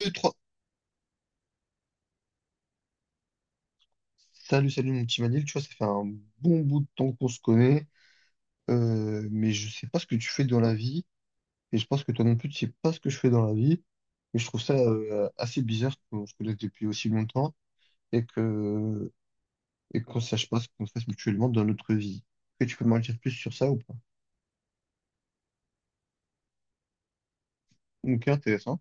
Deux, trois. Salut, salut mon petit Manil, tu vois, ça fait un bon bout de temps qu'on se connaît, mais je sais pas ce que tu fais dans la vie, et je pense que toi non plus, tu sais pas ce que je fais dans la vie, et je trouve ça assez bizarre qu'on se connaisse depuis aussi longtemps et que et qu'on sache pas ce qu'on fasse mutuellement dans notre vie. Est-ce que tu peux m'en dire plus sur ça ou pas? Ok, intéressant.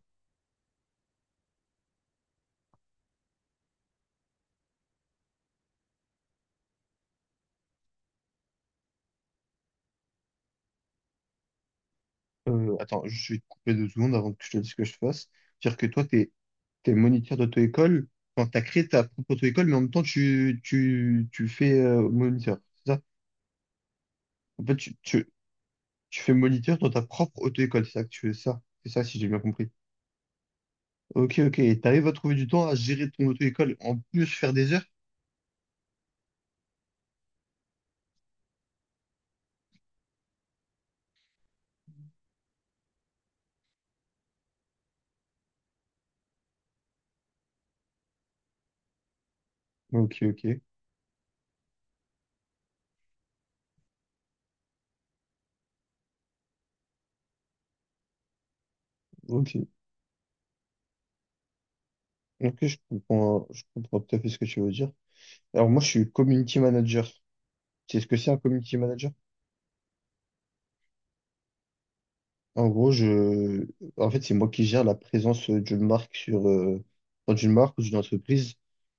Attends, je vais te couper deux secondes avant que je te dise ce que je fasse. Dire que toi, t'es moniteur d'auto-école, enfin, t'as créé ta propre auto-école, mais en même temps, tu fais moniteur, c'est ça? En fait, tu fais moniteur dans ta propre auto-école, c'est ça que tu fais ça. C'est ça, si j'ai bien compris. Ok, ok, et t'arrives à trouver du temps à gérer ton auto-école, en plus faire des heures? Ok, ok, ok. Ok, je comprends tout à fait ce que tu veux dire. Alors, moi, je suis community manager. Tu sais ce que c'est un community manager? En gros, en fait, c'est moi qui gère la présence d'une marque sur, enfin, d'une marque ou d'une entreprise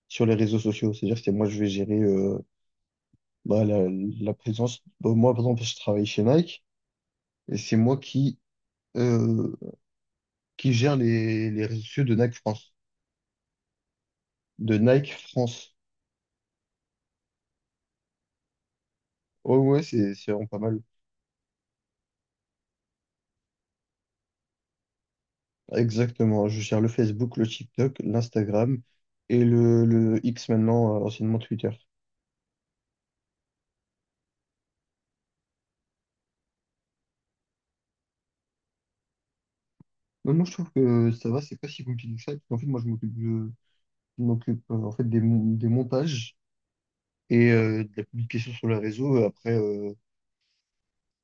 sur les réseaux sociaux. C'est-à-dire que c'est moi, je vais gérer, bah, la présence. Bah, moi, par exemple, je travaille chez Nike et c'est moi euh, qui gère les réseaux sociaux de Nike France. De Nike France. Oh, ouais, c'est vraiment pas mal. Exactement. Je gère le Facebook, le TikTok, l'Instagram et le X maintenant, anciennement Twitter. Non, moi, je trouve que ça va, c'est pas si compliqué que ça. En fait, moi, je m'occupe en fait des montages et de la publication sur le réseau. Après,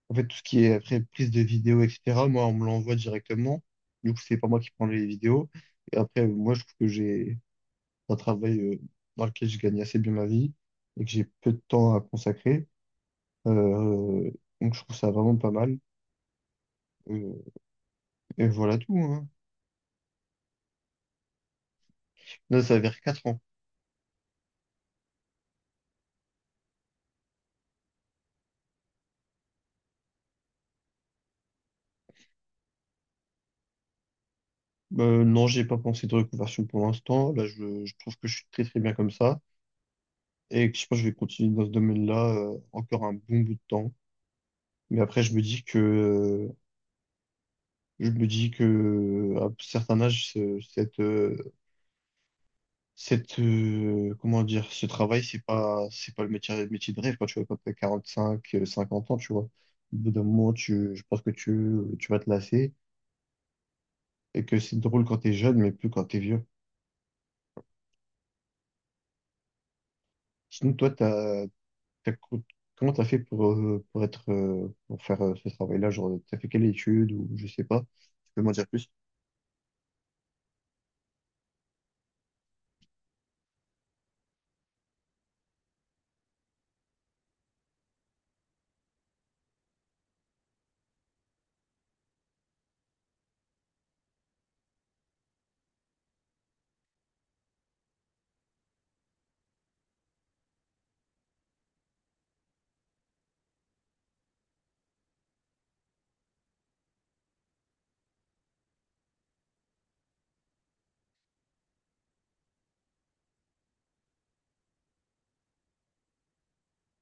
en fait, tout ce qui est après prise de vidéo, etc., moi, on me l'envoie directement. Du coup, c'est pas moi qui prends les vidéos. Et après, moi, je trouve que j'ai un travail dans lequel je gagne assez bien ma vie et que j'ai peu de temps à consacrer. Euh, euh, donc, je trouve ça vraiment pas mal. Euh, et voilà tout, hein. Là, ça va vers 4 ans. Non, j'ai pas pensé de reconversion pour l'instant. Là, je trouve que je suis très très bien comme ça. Et que je pense que je vais continuer dans ce domaine-là encore un bon bout de temps. Mais après, je me dis que à un certain âge, comment dire, ce travail, c'est pas le métier de rêve. Quand tu vois, quand t'as 45, 50 ans, tu vois, au bout d'un moment, je pense que tu vas te lasser et que c'est drôle quand t'es jeune, mais plus quand t'es vieux. Sinon, toi, t'as, co- comment t'as fait pour faire ce travail-là? Genre, t'as fait quelle étude ou je sais pas. Tu peux m'en dire plus?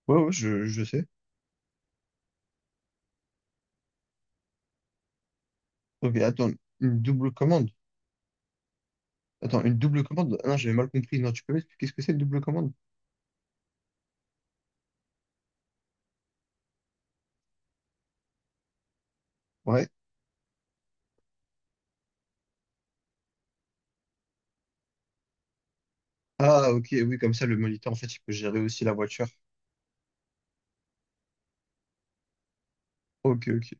Ouais, ouais, je sais. Ok, attends, une double commande. Attends, une double commande? Ah non, j'avais mal compris. Non, tu peux m'expliquer ce que c'est une double commande? Ouais. Ah, ok, oui, comme ça, le moniteur, en fait, il peut gérer aussi la voiture. Ok, ok.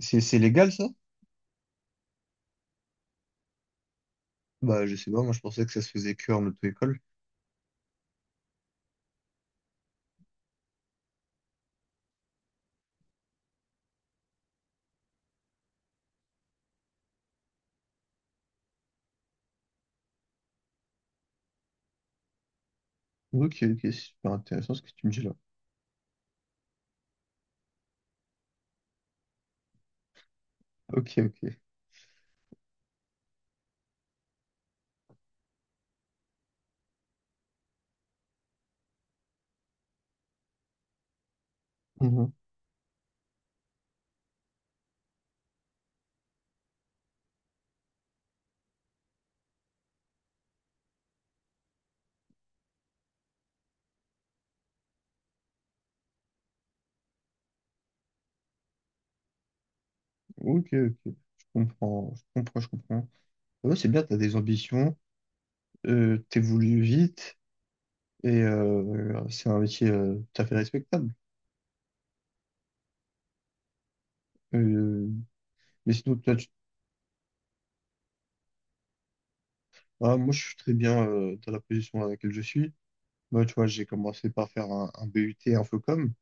C'est légal, ça? Bah, je sais pas, moi, je pensais que ça se faisait que en auto-école. Ok, ok, super intéressant ce que tu me dis là. Ok, ok. Mhm. Ok, ok. Je comprends, je comprends, je comprends. Ouais, c'est bien, t'as des ambitions, t'évolues vite, et c'est un métier tout à fait respectable. Euh, mais sinon, toi. Ah, moi, je suis très bien dans la position dans laquelle je suis. Moi, tu vois, j'ai commencé par faire un BUT Infocom.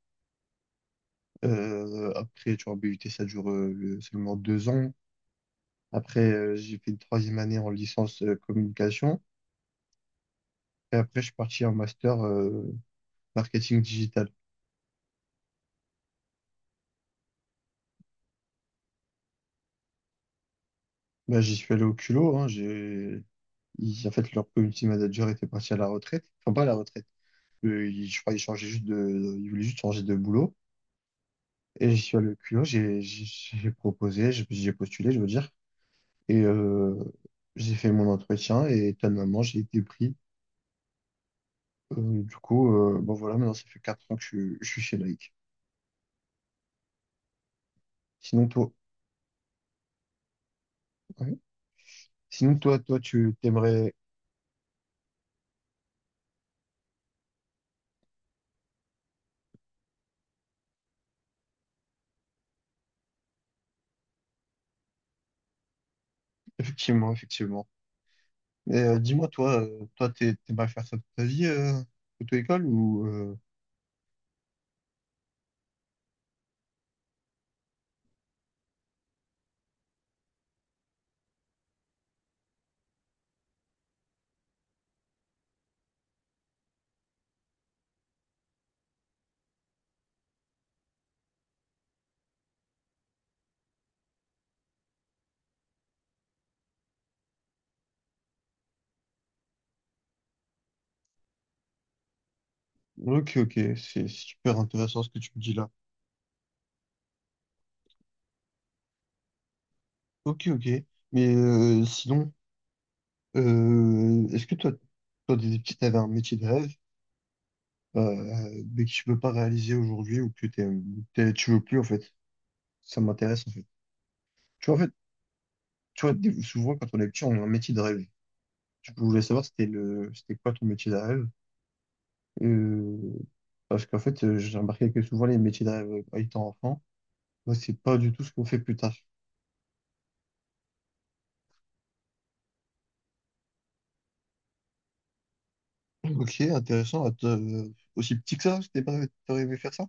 Après, tu vois, BUT, ça dure seulement deux ans. Après, j'ai fait une troisième année en licence communication. Et après, je suis parti en master marketing digital. Bah, j'y suis allé au culot. Hein, en fait, leur community manager était parti à la retraite. Enfin, pas à la retraite. Je crois qu'il changeait juste Il voulait juste changer de boulot. Et j'y suis allé au culot. J'ai proposé, j'ai postulé, je veux dire. Et j'ai fait mon entretien et étonnamment, j'ai été pris. Du coup, bon voilà, maintenant ça fait 4 ans que je suis chez Nike. Sinon toi, ouais. Sinon toi, tu t'aimerais. Effectivement, effectivement. Mais dis-moi toi, toi, t'aimerais faire ça toute ta vie, auto-école ou. Ok, ok, c'est super intéressant ce que tu me dis là. Ok, ok. Mais sinon, est-ce que toi, t'avais un métier de rêve? Mais que tu peux pas réaliser aujourd'hui ou que tu veux plus en fait. Ça m'intéresse en fait. Tu vois, en fait, tu vois, souvent quand on est petit, on a un métier de rêve. Du coup, je voulais savoir c'était quoi ton métier de rêve. Euh, parce qu'en fait, j'ai remarqué que souvent les métiers de rêve étant enfant, bah, c'est pas du tout ce qu'on fait plus tard. Ok, intéressant. Aussi petit que ça, c'était pas, t'aurais aimé faire ça?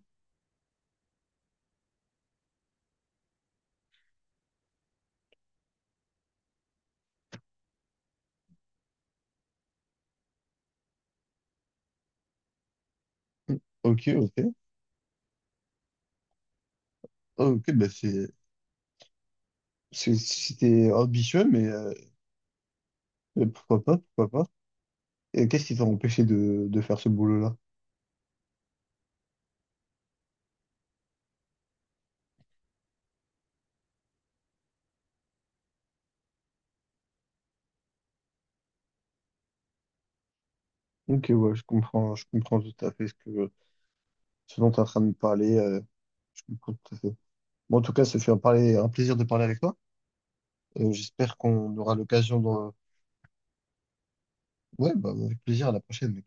Ok, ok. Ok, bah c'était ambitieux, mais pourquoi pas, pourquoi pas. Et qu'est-ce qui t'a empêché de faire ce boulot-là? Ok, ouais, je comprends tout à fait ce dont tu es en train de me parler. Je comprends tout à fait. Bon, en tout cas, ça fait un plaisir de parler avec toi. J'espère qu'on aura l'occasion de... Ouais, bah, avec plaisir à la prochaine.